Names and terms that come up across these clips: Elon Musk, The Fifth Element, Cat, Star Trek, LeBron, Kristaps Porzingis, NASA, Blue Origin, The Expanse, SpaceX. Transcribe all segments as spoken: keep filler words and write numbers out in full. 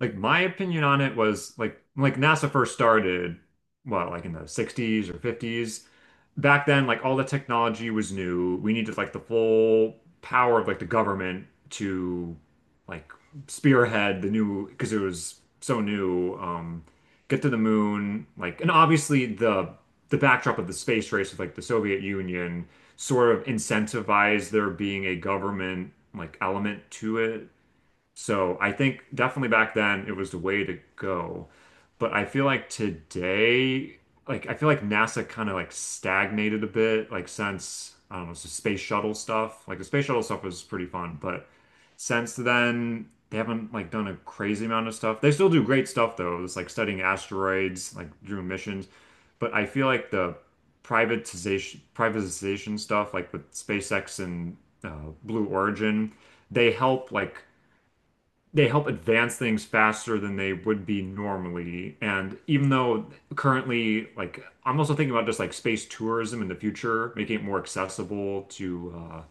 Like my opinion on it was like like NASA first started, what, like in the sixties or fifties. Back then, like all the technology was new. We needed like the full power of like the government to like spearhead the new because it was so new, um, get to the moon, like and obviously the the backdrop of the space race with like the Soviet Union sort of incentivized there being a government like element to it, so I think definitely back then it was the way to go. But I feel like today, like I feel like NASA kind of like stagnated a bit, like since I don't know, the space shuttle stuff. Like the space shuttle stuff was pretty fun, but since then they haven't like done a crazy amount of stuff. They still do great stuff though. It's like studying asteroids, like doing missions. But I feel like the privatization privatization stuff, like with SpaceX and uh, Blue Origin, they help like they help advance things faster than they would be normally. And even though currently, like, I'm also thinking about just like space tourism in the future, making it more accessible to uh,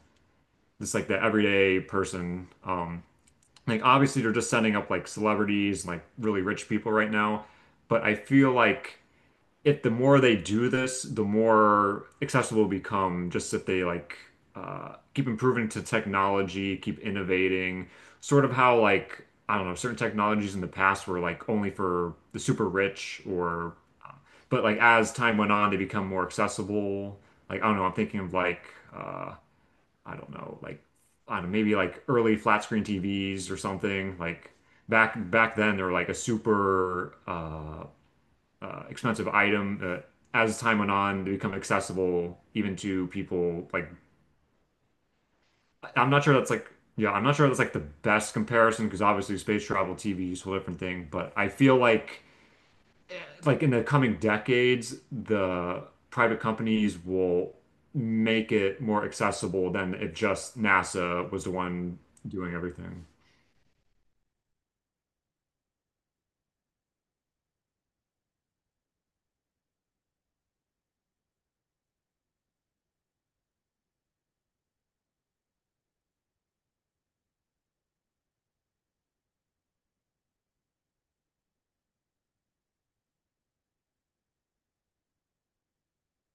just like the everyday person. Um, like, obviously, they're just sending up like celebrities, like really rich people right now. But I feel like if the more they do this, the more accessible it'll become, just if they like uh, keep improving to technology, keep innovating, sort of how like I don't know, certain technologies in the past were like only for the super rich or uh, but like as time went on, they become more accessible. Like I don't know, I'm thinking of like uh, I don't know, like I don't know, maybe like early flat screen T Vs or something. Like back back then, they were like a super uh, uh, expensive item that as time went on, they become accessible even to people like I'm not sure that's like yeah, I'm not sure that's like the best comparison because obviously space travel, T V is a whole different thing, but I feel like like in the coming decades, the private companies will make it more accessible than if just NASA was the one doing everything.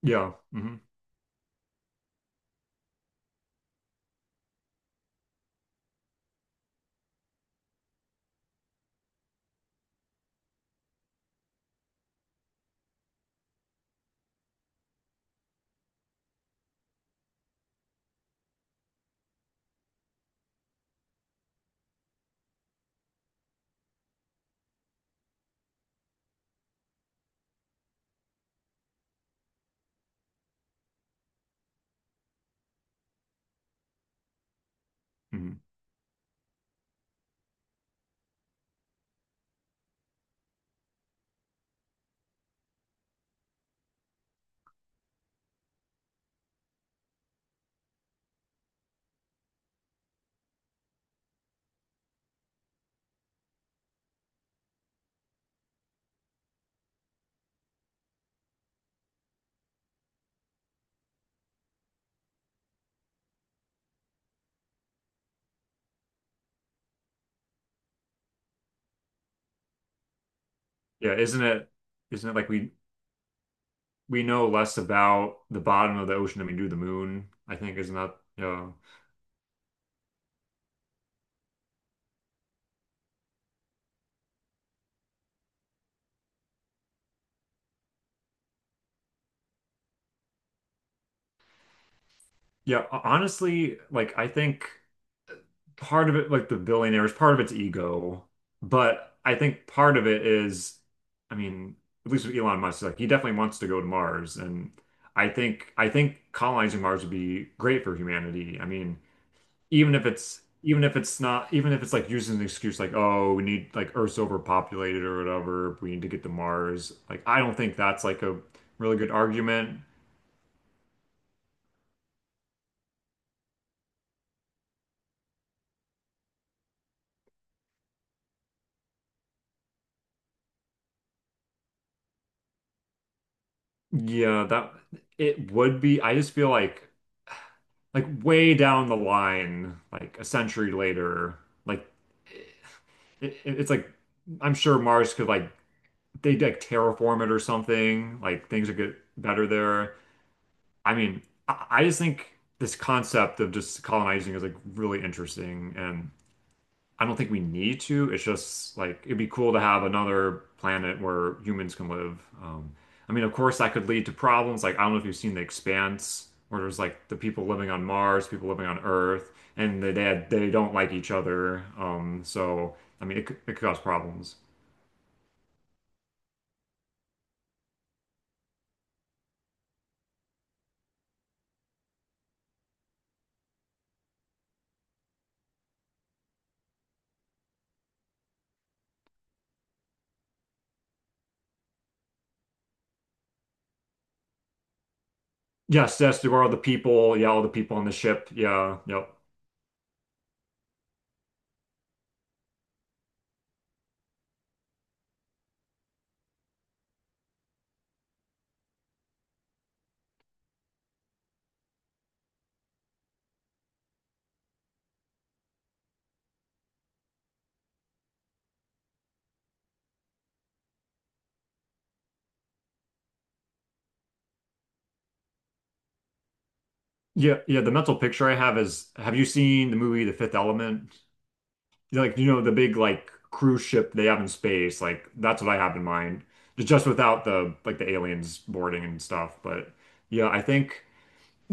Yeah. hmm hmm Yeah, isn't it isn't it like we we know less about the bottom of the ocean than we do the moon, I think, is not, yeah. Yeah, honestly, like I think part of it, like the billionaires, part of it's ego, but I think part of it is, I mean, at least with Elon Musk, like he definitely wants to go to Mars, and I think I think colonizing Mars would be great for humanity. I mean, even if it's even if it's not even if it's like used as an excuse like oh we need like Earth's overpopulated or whatever we need to get to Mars, like I don't think that's like a really good argument. Yeah, that it would be, I just feel like like way down the line like a century later like it, it- it's like I'm sure Mars could like they like terraform it or something, like things would get better there. I mean, I, I just think this concept of just colonizing is like really interesting, and I don't think we need to. It's just like it'd be cool to have another planet where humans can live. Um, I mean, of course, that could lead to problems. Like, I don't know if you've seen The Expanse, where there's like the people living on Mars, people living on Earth, and they they, they don't like each other. Um, so, I mean, it, could- it could cause problems. Yes, yes, there are the people. Yeah, all the people on the ship. Yeah, yep. Yeah, yeah. The mental picture I have is, have you seen the movie The Fifth Element? You know, like, you know, the big like cruise ship they have in space. Like, that's what I have in mind. Just just without the like the aliens boarding and stuff. But yeah, I think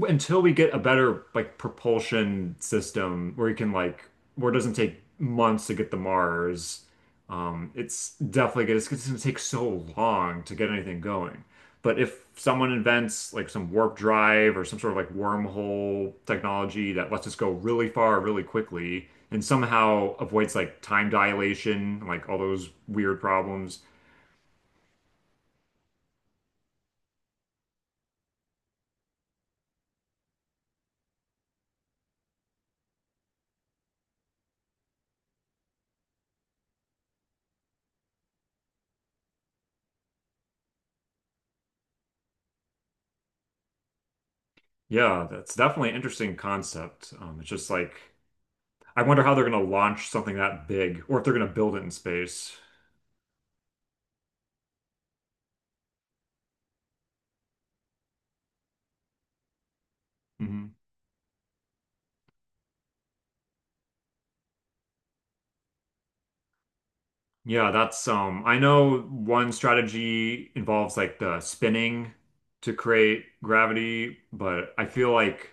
until we get a better like propulsion system where you can like where it doesn't take months to get to Mars, um, it's definitely good. It's going to take so long to get anything going. But if someone invents like some warp drive or some sort of like wormhole technology that lets us go really far really quickly and somehow avoids like time dilation, and like all those weird problems, yeah, that's definitely an interesting concept. Um, it's just like I wonder how they're going to launch something that big or if they're going to build it in space. Hmm. Yeah, that's um I know one strategy involves like the spinning to create gravity, but I feel like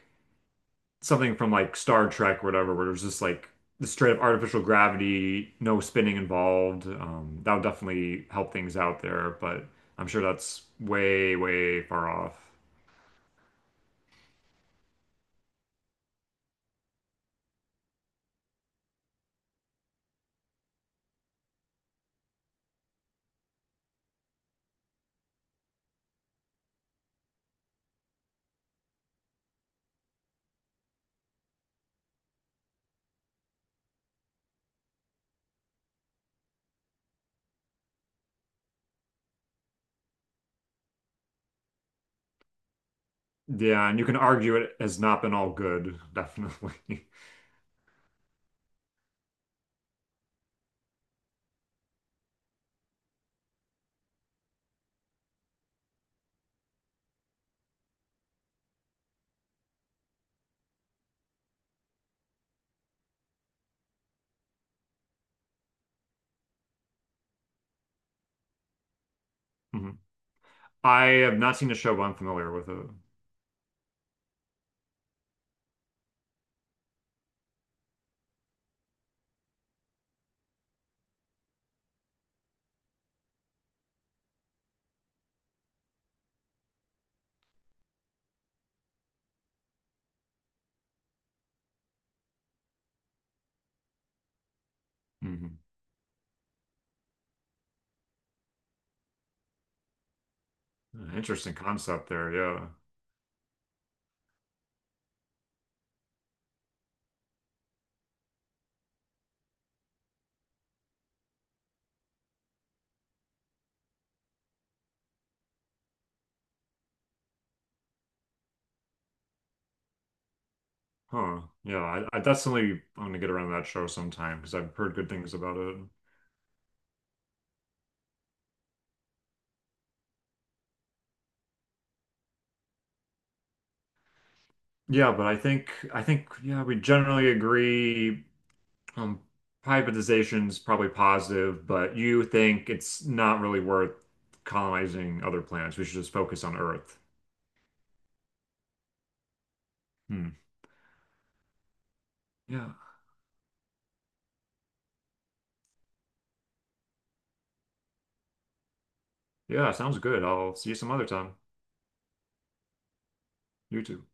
something from like Star Trek or whatever where there's just like the straight up artificial gravity, no spinning involved. Um, that would definitely help things out there, but I'm sure that's way, way far off. Yeah, and you can argue it has not been all good, definitely. Mhm. I have not seen a show, but I'm familiar with it. Hmm. Interesting concept there. Yeah. Huh. Yeah. I, I definitely I'm gonna get around that show sometime because I've heard good things about it. Yeah, but I think I think yeah, we generally agree um privatization is probably positive, but you think it's not really worth colonizing other planets. We should just focus on Earth. Hmm. Yeah. Yeah, sounds good. I'll see you some other time. You too.